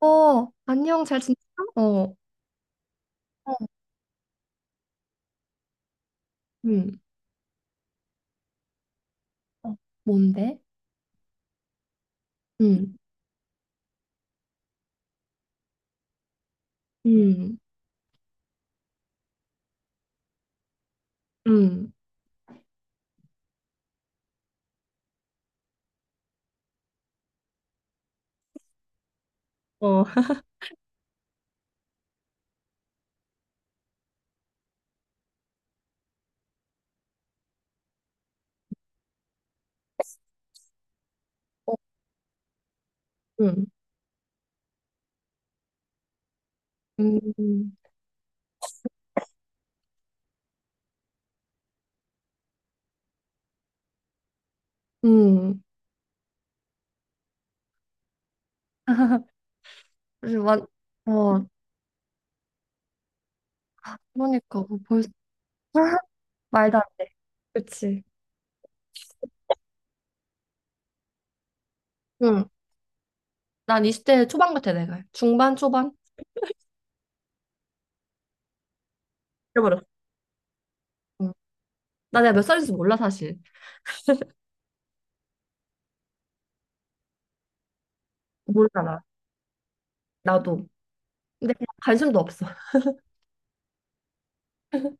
어, 안녕, 잘 지냈어? 어, 어, 음, 어, 뭔데? 음, 음, 음, 어, 어, 음, 음, 음. 그래서 완, 어, 아, 그러니까, 뭐 벌써, 말도 안 돼. 그치. 응. 난 20대 초반 같아, 내가. 중반, 초반? 잃어버렸어. 응. 나 내가 몇 살인지 몰라, 사실. 몰라, 나. 나도. 근데 그냥 관심도 없어.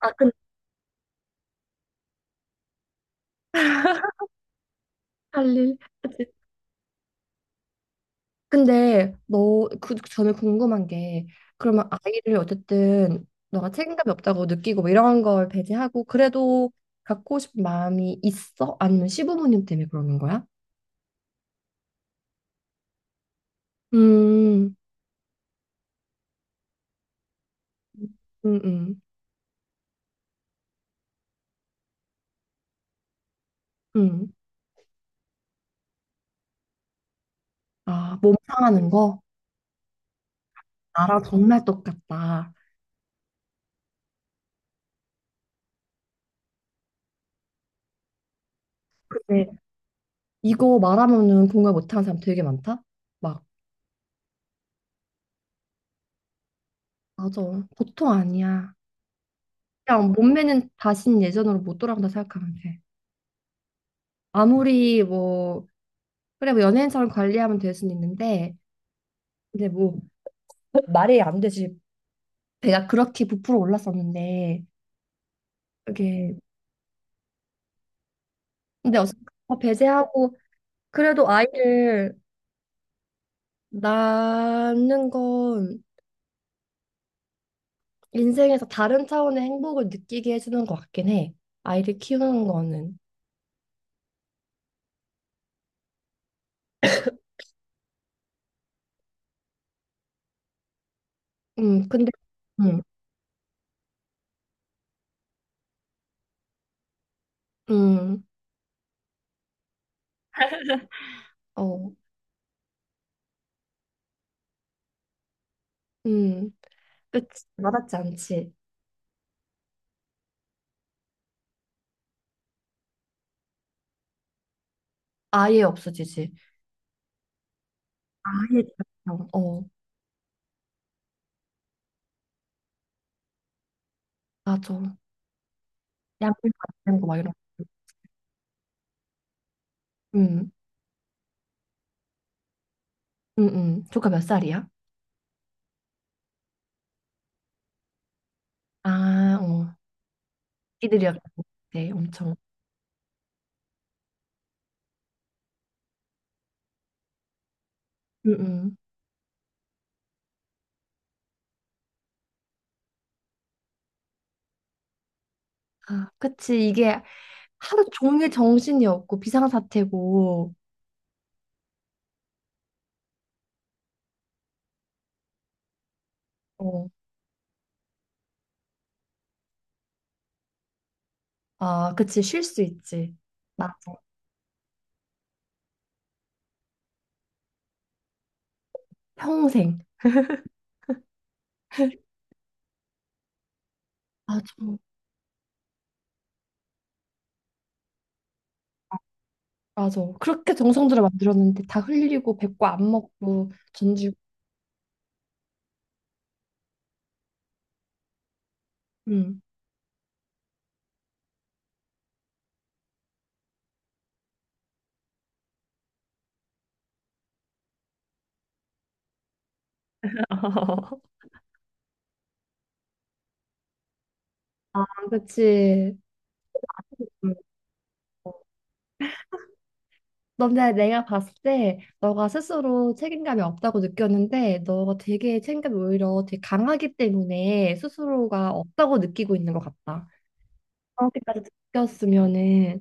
아, 근데. 할 일. 근데 너 그 전에 궁금한 게 그러면 아이를 어쨌든 너가 책임감이 없다고 느끼고 뭐 이런 걸 배제하고 그래도 갖고 싶은 마음이 있어? 아니면 시부모님 때문에 그러는 거야? 음, 음, 음, 음. 아, 몸 상하는 거? 나랑 정말 똑같다. 근데 이거 말하면은 공감 못하는 사람 되게 많다? 막, 맞아. 보통 아니야. 그냥 몸매는 다신 예전으로 못 돌아간다 생각하면 돼. 아무리 뭐 그래, 뭐 연예인처럼 관리하면 될 수는 있는데, 근데 뭐, 말이 안 되지. 배가 그렇게 부풀어 올랐었는데, 그게, 근데 어쨌든 그거 배제하고, 그래도 아이를 낳는 건 인생에서 다른 차원의 행복을 느끼게 해주는 것 같긴 해. 아이를 키우는 거는. 근데, 음, 음, 어, 음, 그치. 와닿지 않지. 아예 없어지지. 아예, 없어. 어, 맞아. 양육 받는 거 막 이런. 거. 음. 응응. 조카 몇 살이야? 아, 어. 애들이야. 네, 엄청. 응응. 아, 그치. 이게 하루 종일 정신이 없고 비상사태고. 어. 아, 그치. 쉴 수 있지. 맞아. 평생. 맞아. 맞아. 그렇게 정성들을 만들었는데 다 흘리고 뱉고 안 먹고 던지고. 음. 아, 그치. 너네 내가 봤을 때 너가 스스로 책임감이 없다고 느꼈는데 너가 되게 책임감이 오히려 되게 강하기 때문에 스스로가 없다고 느끼고 있는 것 같다. 그렇게까지 느꼈으면은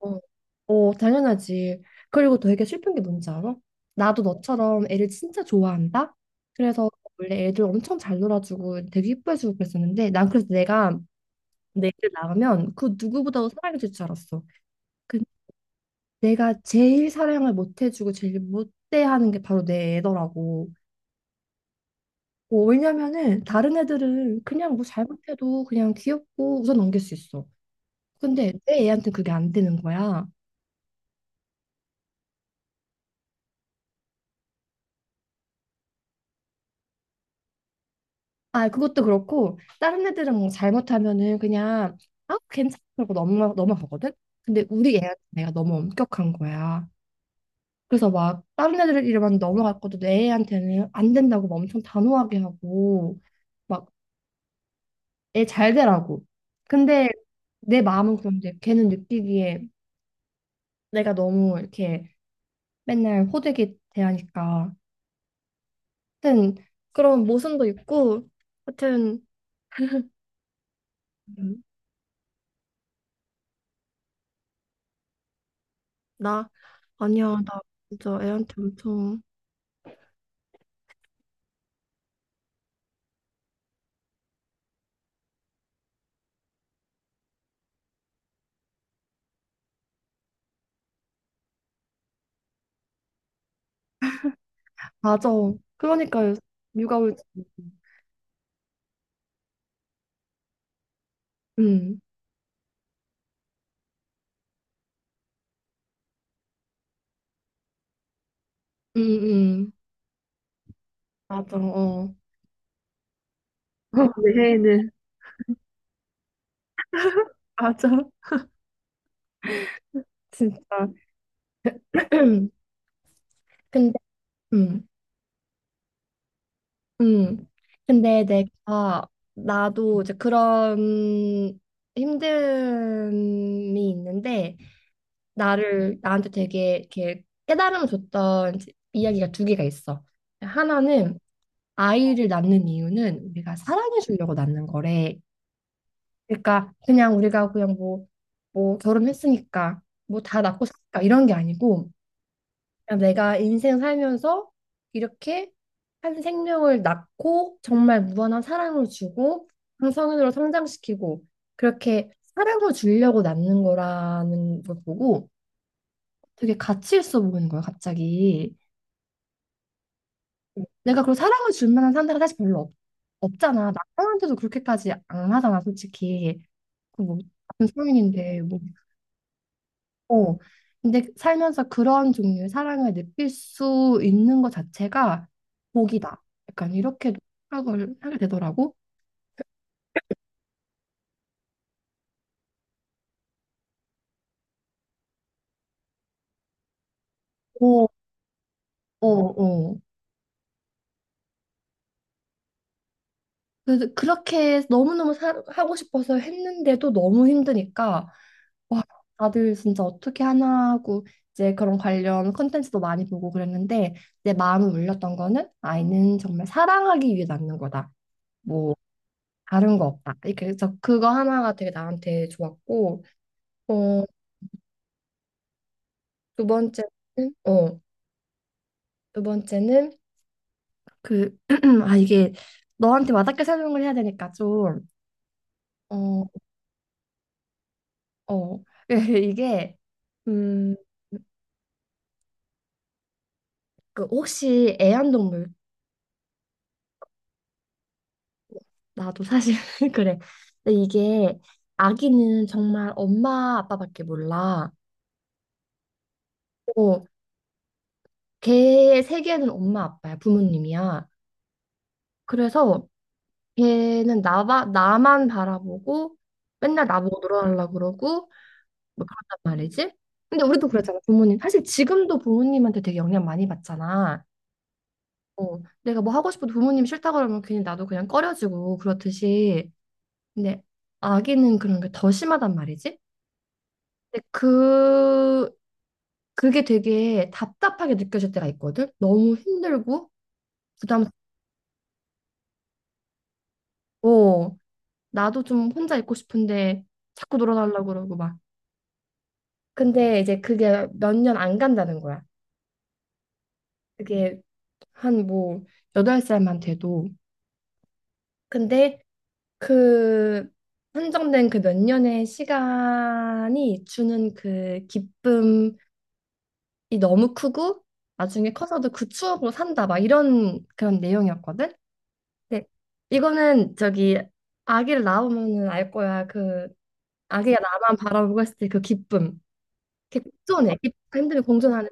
어, 어, 당연하지. 그리고 되게 슬픈 게 뭔지 알아? 나도 너처럼 애를 진짜 좋아한다. 그래서 원래 애들 엄청 잘 놀아주고 되게 이뻐해주고 그랬었는데 난 그래서 내가 내 애를 낳으면 그 누구보다도 사랑해줄 줄 알았어. 그 내가 제일 사랑을 못 해주고 제일 못 대하는 게 바로 내 애더라고. 뭐, 왜냐면은 다른 애들은 그냥 뭐 잘못해도 그냥 귀엽고 웃어 넘길 수 있어. 근데 내 애한테 그게 안 되는 거야. 아, 그것도 그렇고 다른 애들은 뭐 잘못하면은 그냥 아, 괜찮아 그러고 넘어가거든. 근데 우리 애한테 내가 너무 엄격한 거야. 그래서 막 다른 애들 이름만 넘어갈 것도 내 애한테는 안 된다고 막 엄청 단호하게 하고 막 애 잘 되라고. 근데 내 마음은 그런데 걔는 느끼기에 내가 너무 이렇게 맨날 호되게 대하니까. 하여튼 그런 모순도 있고, 하여튼 음, 나 아니야 나 진짜 애한테 엄청 맞아. 그러니까 요새 육아 울지. 음, 음, 음. 맞아. 어. 내 해에는 맞아. 진짜. 근데 음. 음. 근데 내가 나도 이제 그런 힘듦이 있는데 나를 나한테 되게 이렇게 깨달음을 줬던 이제 이야기가 두 개가 있어. 하나는 아이를 낳는 이유는 우리가 사랑해 주려고 낳는 거래. 그러니까 그냥 우리가 그냥 뭐 결혼했으니까 뭐 다 낳고 살까 이런 게 아니고 그냥 내가 인생 살면서 이렇게 한 생명을 낳고 정말 무한한 사랑을 주고 한 성인으로 성장시키고 그렇게 사랑을 주려고 낳는 거라는 걸 보고 되게 가치 있어 보이는 거야, 갑자기. 내가 그 사랑을 줄 만한 상대가 사실 별로 없잖아. 남편한테도 그렇게까지 안 하잖아, 솔직히. 그 뭐 같은 성인인데 뭐 어. 근데 살면서 그런 종류의 사랑을 느낄 수 있는 것 자체가 복이다. 약간 이렇게도 생각을 하게 되더라고. 어, 어, 어. 그래서 그렇게 너무너무 하고 싶어서 했는데도 너무 힘드니까, 와, 다들 진짜 어떻게 하나 하고, 이제 그런 관련 컨텐츠도 많이 보고 그랬는데, 내 마음을 울렸던 거는 아이는 정말 사랑하기 위해 낳는 거다. 뭐, 다른 거 없다. 이렇게 해서 그거 하나가 되게 나한테 좋았고, 어, 두 번째는 어, 두 번째는 그 아 이게 너한테 와닿게 설명을 해야 되니까 좀 어, 어. 이게 음, 그 혹시 애완동물 나도 사실 그래. 근데 이게 아기는 정말 엄마 아빠밖에 몰라. 어, 걔 세계는 엄마 아빠야, 부모님이야. 그래서 걔는 나만 나만 바라보고 맨날 나보고 놀아달라 그러고 뭐 그런단 말이지. 근데 우리도 그렇잖아 부모님 사실 지금도 부모님한테 되게 영향 많이 받잖아. 어, 내가 뭐 하고 싶어도 부모님 싫다 그러면 괜히 나도 그냥 꺼려지고 그렇듯이. 근데 아기는 그런 게 더 심하단 말이지. 근데 그게 되게 답답하게 느껴질 때가 있거든. 너무 힘들고 부담스럽고 나도 좀 혼자 있고 싶은데 자꾸 놀아달라고 그러고 막. 근데 이제 그게 몇 년 안 간다는 거야. 그게 한 뭐 여덟 살만 돼도. 근데 그 한정된 그 몇 년의 시간이 주는 그 기쁨이 너무 크고 나중에 커서도 그 추억으로 산다 막 이런 그런 내용이었거든. 근데 이거는 저기 아기를 낳으면은 알 거야. 그 아기가 나만 바라보고 있을 때 그 기쁨. 그 공존해. 기쁨과 힘듦이 공존하는.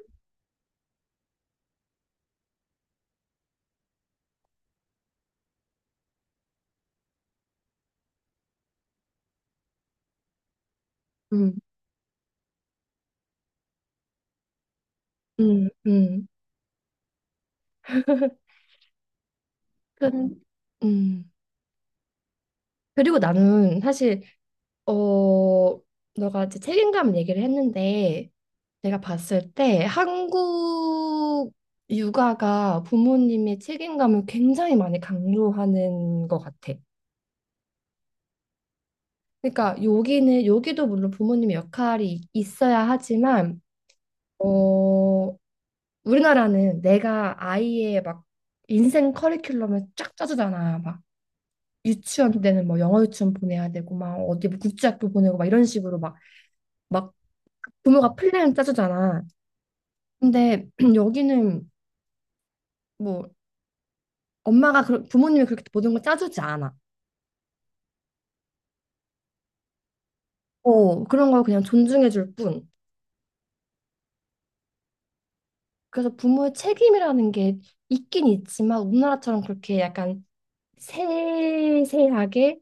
음, 음, 음. 그, 음. 그리고 나는 사실 어 너가 이제 책임감 얘기를 했는데. 제가 봤을 때 한국 육아가 부모님이 책임감을 굉장히 많이 강조하는 것 같아. 그러니까 여기는 여기도 물론 부모님의 역할이 있어야 하지만 어 우리나라는 내가 아이의 막 인생 커리큘럼을 쫙 짜주잖아. 막 유치원 때는 뭐 영어 유치원 보내야 되고 막 어디 뭐 국제학교 보내고 막 이런 식으로 막 막 부모가 플랜을 짜주잖아. 근데 여기는 뭐 부모님이 그렇게 모든 걸 짜주지 않아. 어, 그런 걸 그냥 존중해 줄 뿐. 그래서 부모의 책임이라는 게 있긴 있지만 우리나라처럼 그렇게 약간 세세하게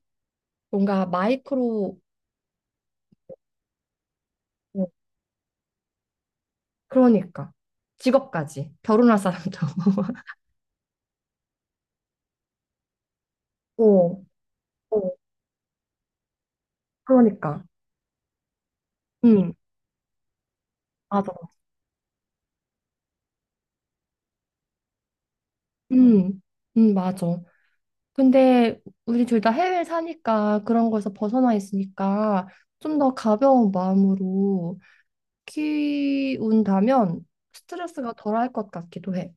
뭔가 마이크로 어, 그러니까 직업까지 결혼할 사람도 어, 어, 그러니까. 음, 맞아. 음, 맞아. 근데 우리 둘 다 해외에 사니까 그런 거에서 벗어나 있으니까 좀 더 가벼운 마음으로 키운다면 스트레스가 덜할 것 같기도 해.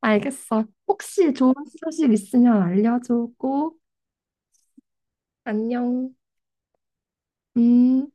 알겠어. 혹시 좋은 소식 있으면 알려줘 꼭. 안녕. 음.